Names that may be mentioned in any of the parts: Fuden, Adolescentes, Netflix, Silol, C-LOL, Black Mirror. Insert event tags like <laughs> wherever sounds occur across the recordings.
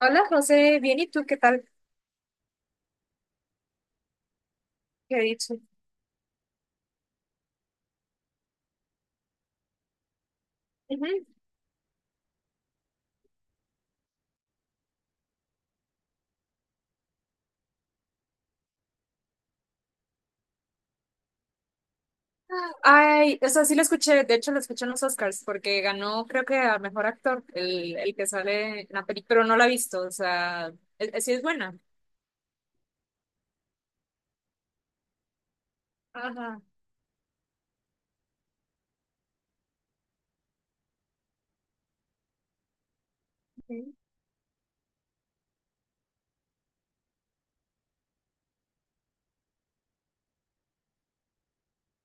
Hola, José, bien, ¿y tú qué tal? ¿Qué he dicho? Ujú. Ay, o sea, sí lo escuché, de hecho lo escuché en los Oscars, porque ganó creo que a mejor actor, el que sale en la película, pero no la he visto, o sea, sí es buena. Ajá. Sí.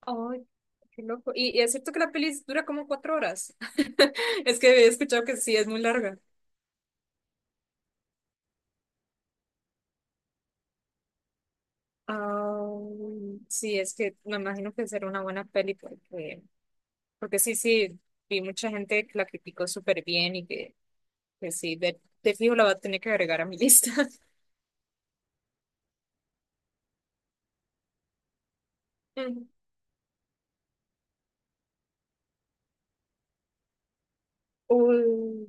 Ay, qué loco. Y es cierto que la peli dura como cuatro horas. <laughs> Es que he escuchado que sí es muy larga. Ay, sí, es que me imagino que será una buena peli porque, porque sí, sí, vi mucha gente que la criticó súper bien y que... Pues sí, de fijo la va a tener que agregar a mi lista. <laughs> Uy,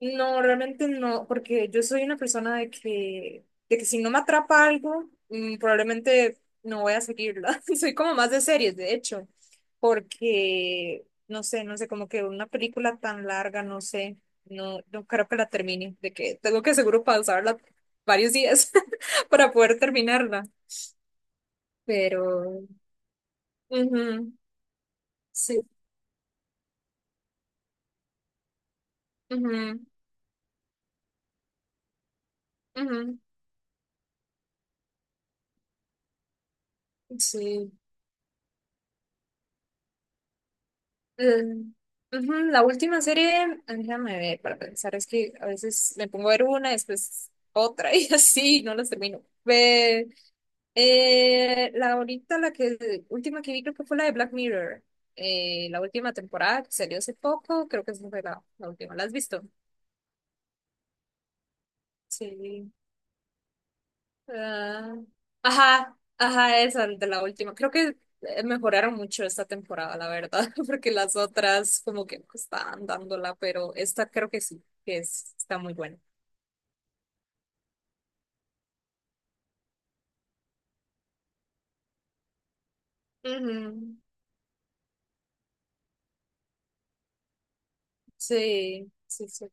no, realmente no, porque yo soy una persona de que si no me atrapa algo, probablemente no voy a seguirla. <laughs> Soy como más de series, de hecho, porque, no sé, no sé, como que una película tan larga, no sé, no, no creo que la termine, de que tengo que seguro pausarla varios días <laughs> para poder terminarla. Pero, ujú, sí, ujú, ujú. Sí. Mm, ujú, la última serie, déjame ver para pensar, es que a veces me pongo a ver una, después otra <laughs> y así, no las termino. Ve, la ahorita, la que última que vi creo que fue la de Black Mirror, la última temporada que salió hace poco, creo que esa fue la, la última. ¿La has visto? Sí. Ah, ajá, ajá, esa de la última. Creo que mejoraron mucho esta temporada, la verdad, <laughs> porque las otras como que no estaban dándola, pero esta creo que sí, que es, está muy buena. Ujú. Sí, sí, sí.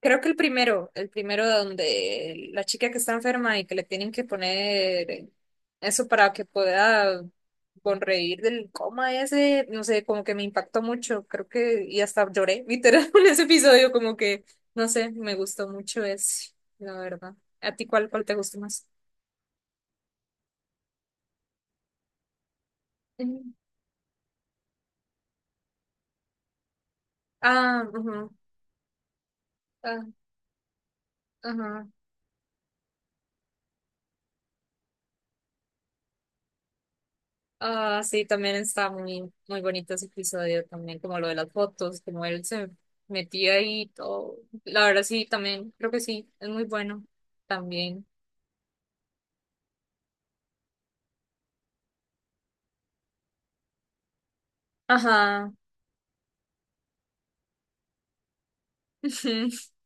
Creo que el primero donde la chica que está enferma y que le tienen que poner eso para que pueda sonreír del coma ese, no sé, como que me impactó mucho, creo que y hasta lloré literal <laughs> en ese episodio, como que, no sé, me gustó mucho ese, la verdad. ¿A ti cuál, cuál te gustó más? Mm. Ah, ajá, ah, ajá. Ah, sí, también está muy, muy bonito ese episodio también, como lo de las fotos, como él se metía ahí y todo. La verdad sí, también, creo que sí, es muy bueno también. Ajá. <laughs>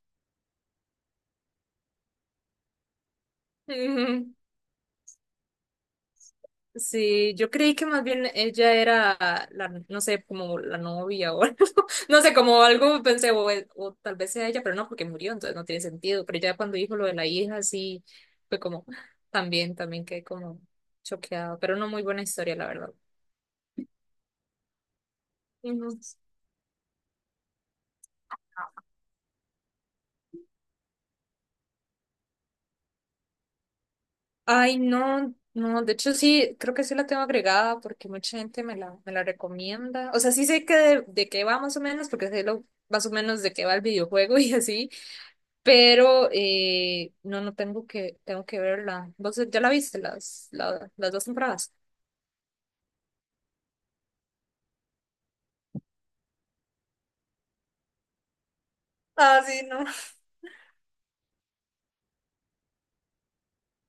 Sí, yo creí que más bien ella era la, no sé, como la novia o algo. <laughs> No sé, como algo pensé, o tal vez sea ella, pero no, porque murió, entonces no tiene sentido. Pero ya cuando dijo lo de la hija, sí, fue como, también, también quedé como choqueado, pero no, muy buena historia, la verdad. Ujú. Ay, no, no, de hecho sí, creo que sí la tengo agregada porque mucha gente me la recomienda. O sea, sí sé que de qué va más o menos, porque sé lo, más o menos de qué va el videojuego <laughs> y así, pero no, no tengo que, tengo que verla. ¿Vos ya la viste las, las dos temporadas? Ah, sí, no.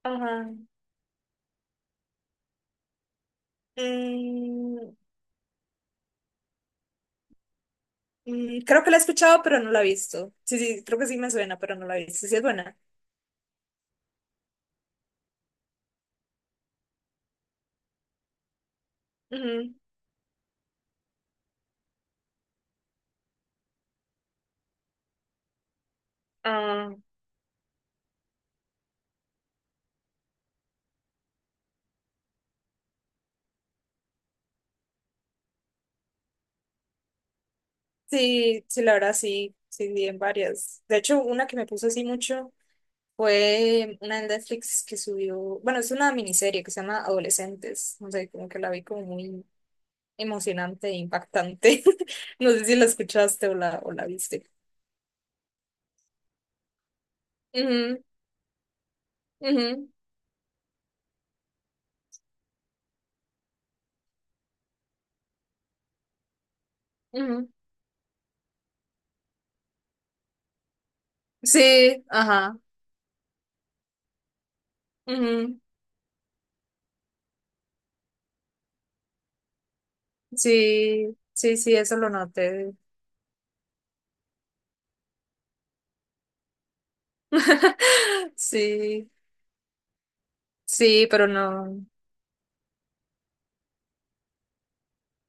Ajá. Mm, creo que la he escuchado, pero no la he visto. Sí, sí, creo que sí me suena, pero no la he visto. Sí, es buena. Ujú. Sí, sí, la verdad sí, sí, vi en varias. De hecho, una que me puso así mucho fue una de Netflix que subió, bueno, es una miniserie que se llama Adolescentes, no sé, como que la vi como muy emocionante e impactante. <laughs> No sé si la escuchaste o la viste. Ujú, ujú, ujú. Sí, ajá. Ujú. Sí, sí, sí, eso lo noté. <laughs> Sí, sí, pero no.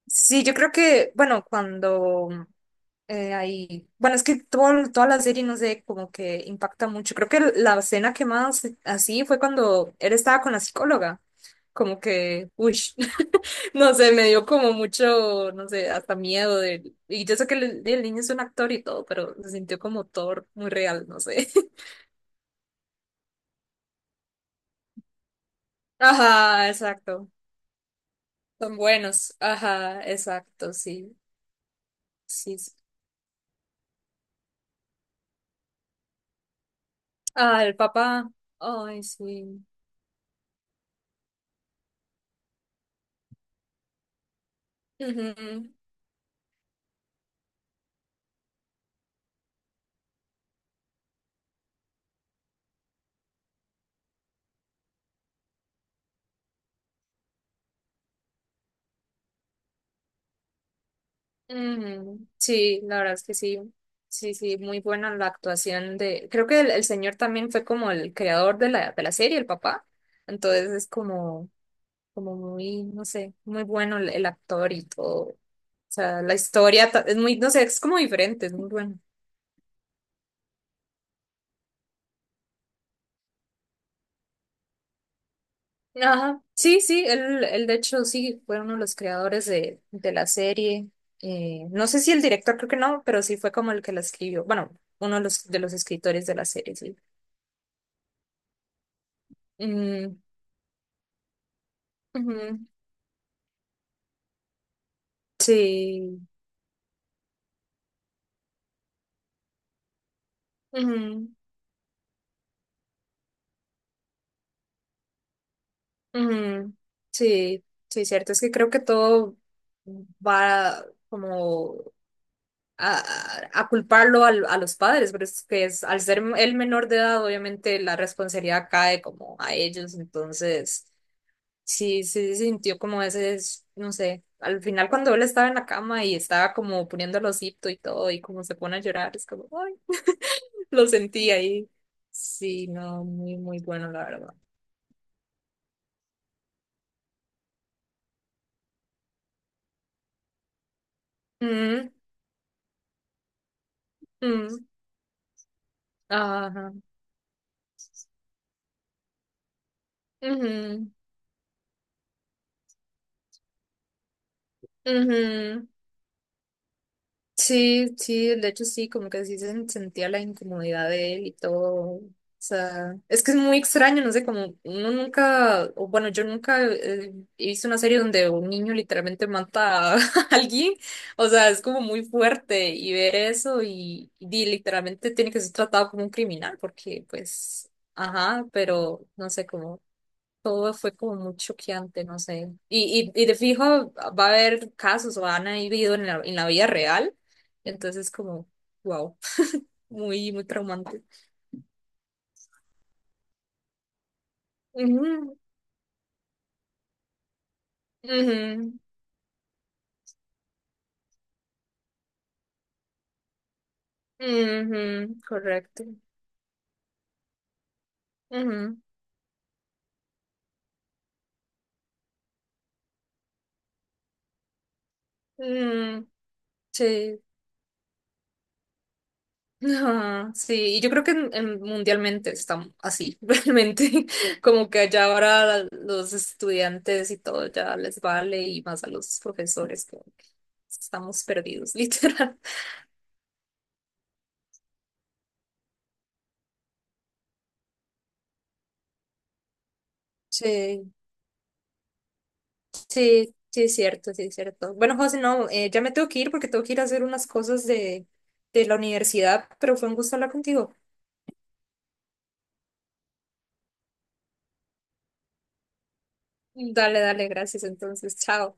Sí, yo creo que, bueno, cuando ahí. Bueno, es que toda la serie, no sé, como que impacta mucho. Creo que la escena que más así fue cuando él estaba con la psicóloga. Como que, uy, <laughs> no sé, me dio como mucho, no sé, hasta miedo de... Y yo sé que el niño es un actor y todo, pero se sintió como Thor, muy real, no sé. <laughs> Ajá, exacto. Son buenos. Ajá, exacto, sí. Sí. Sí. Ah, el papá. Ay, sí. Ujú. Ujú. Sí, la verdad es que sí, sí, sí, muy buena la actuación de, creo que el señor también fue como el creador de la serie, el papá, entonces es como, como muy, no sé, muy bueno el actor y todo, o sea, la historia es muy, no sé, es como diferente, es muy bueno. Ajá, sí, sí, él de hecho sí fue uno de los creadores de la serie, no sé si el director, creo que no, pero sí fue como el que la escribió, bueno, uno de los escritores de la serie, sí. Mm, ujú. Sí, ujú, ujú. Sí, sí, cierto. Es que creo que todo va como a, a culparlo a los padres, pero es que es, al ser el menor de edad, obviamente la responsabilidad cae como a ellos. Entonces, sí, sí se sintió como ese, no sé, al final cuando él estaba en la cama y estaba como poniendo el osito y todo, y como se pone a llorar, es como, ay, lo sentí ahí. Sí, no, muy, muy bueno, la verdad. Mm, mm. Ajá. Ujú, ujú. Sí, sí, de hecho sí, como que sí se sentía la incomodidad de él y todo. O sea, es que es muy extraño, no sé, como uno nunca, o bueno, yo nunca hice una serie donde un niño literalmente mata a <laughs> alguien. O sea, es como muy fuerte y ver eso y literalmente tiene que ser tratado como un criminal porque pues, ajá, pero no sé, todo fue como muy choqueante, no sé. Y de fijo va a haber casos o han habido en la vida real. Entonces, como, wow, <laughs> muy, muy traumante. Ujú, ujú, ujú, correcto. Ujú, mm, sí. <laughs> Ajá, sí, y yo creo que mundialmente están así, <laughs> realmente, como que allá ahora los estudiantes y todo ya les vale y más a los profesores, como que estamos perdidos, <laughs> literal. Sí, sí, sí, es cierto, sí, es cierto. Bueno, José, no, ya me tengo que ir porque tengo que ir a hacer unas cosas de la universidad, pero fue un gusto hablar contigo. Dale, dale, gracias. Entonces, chao.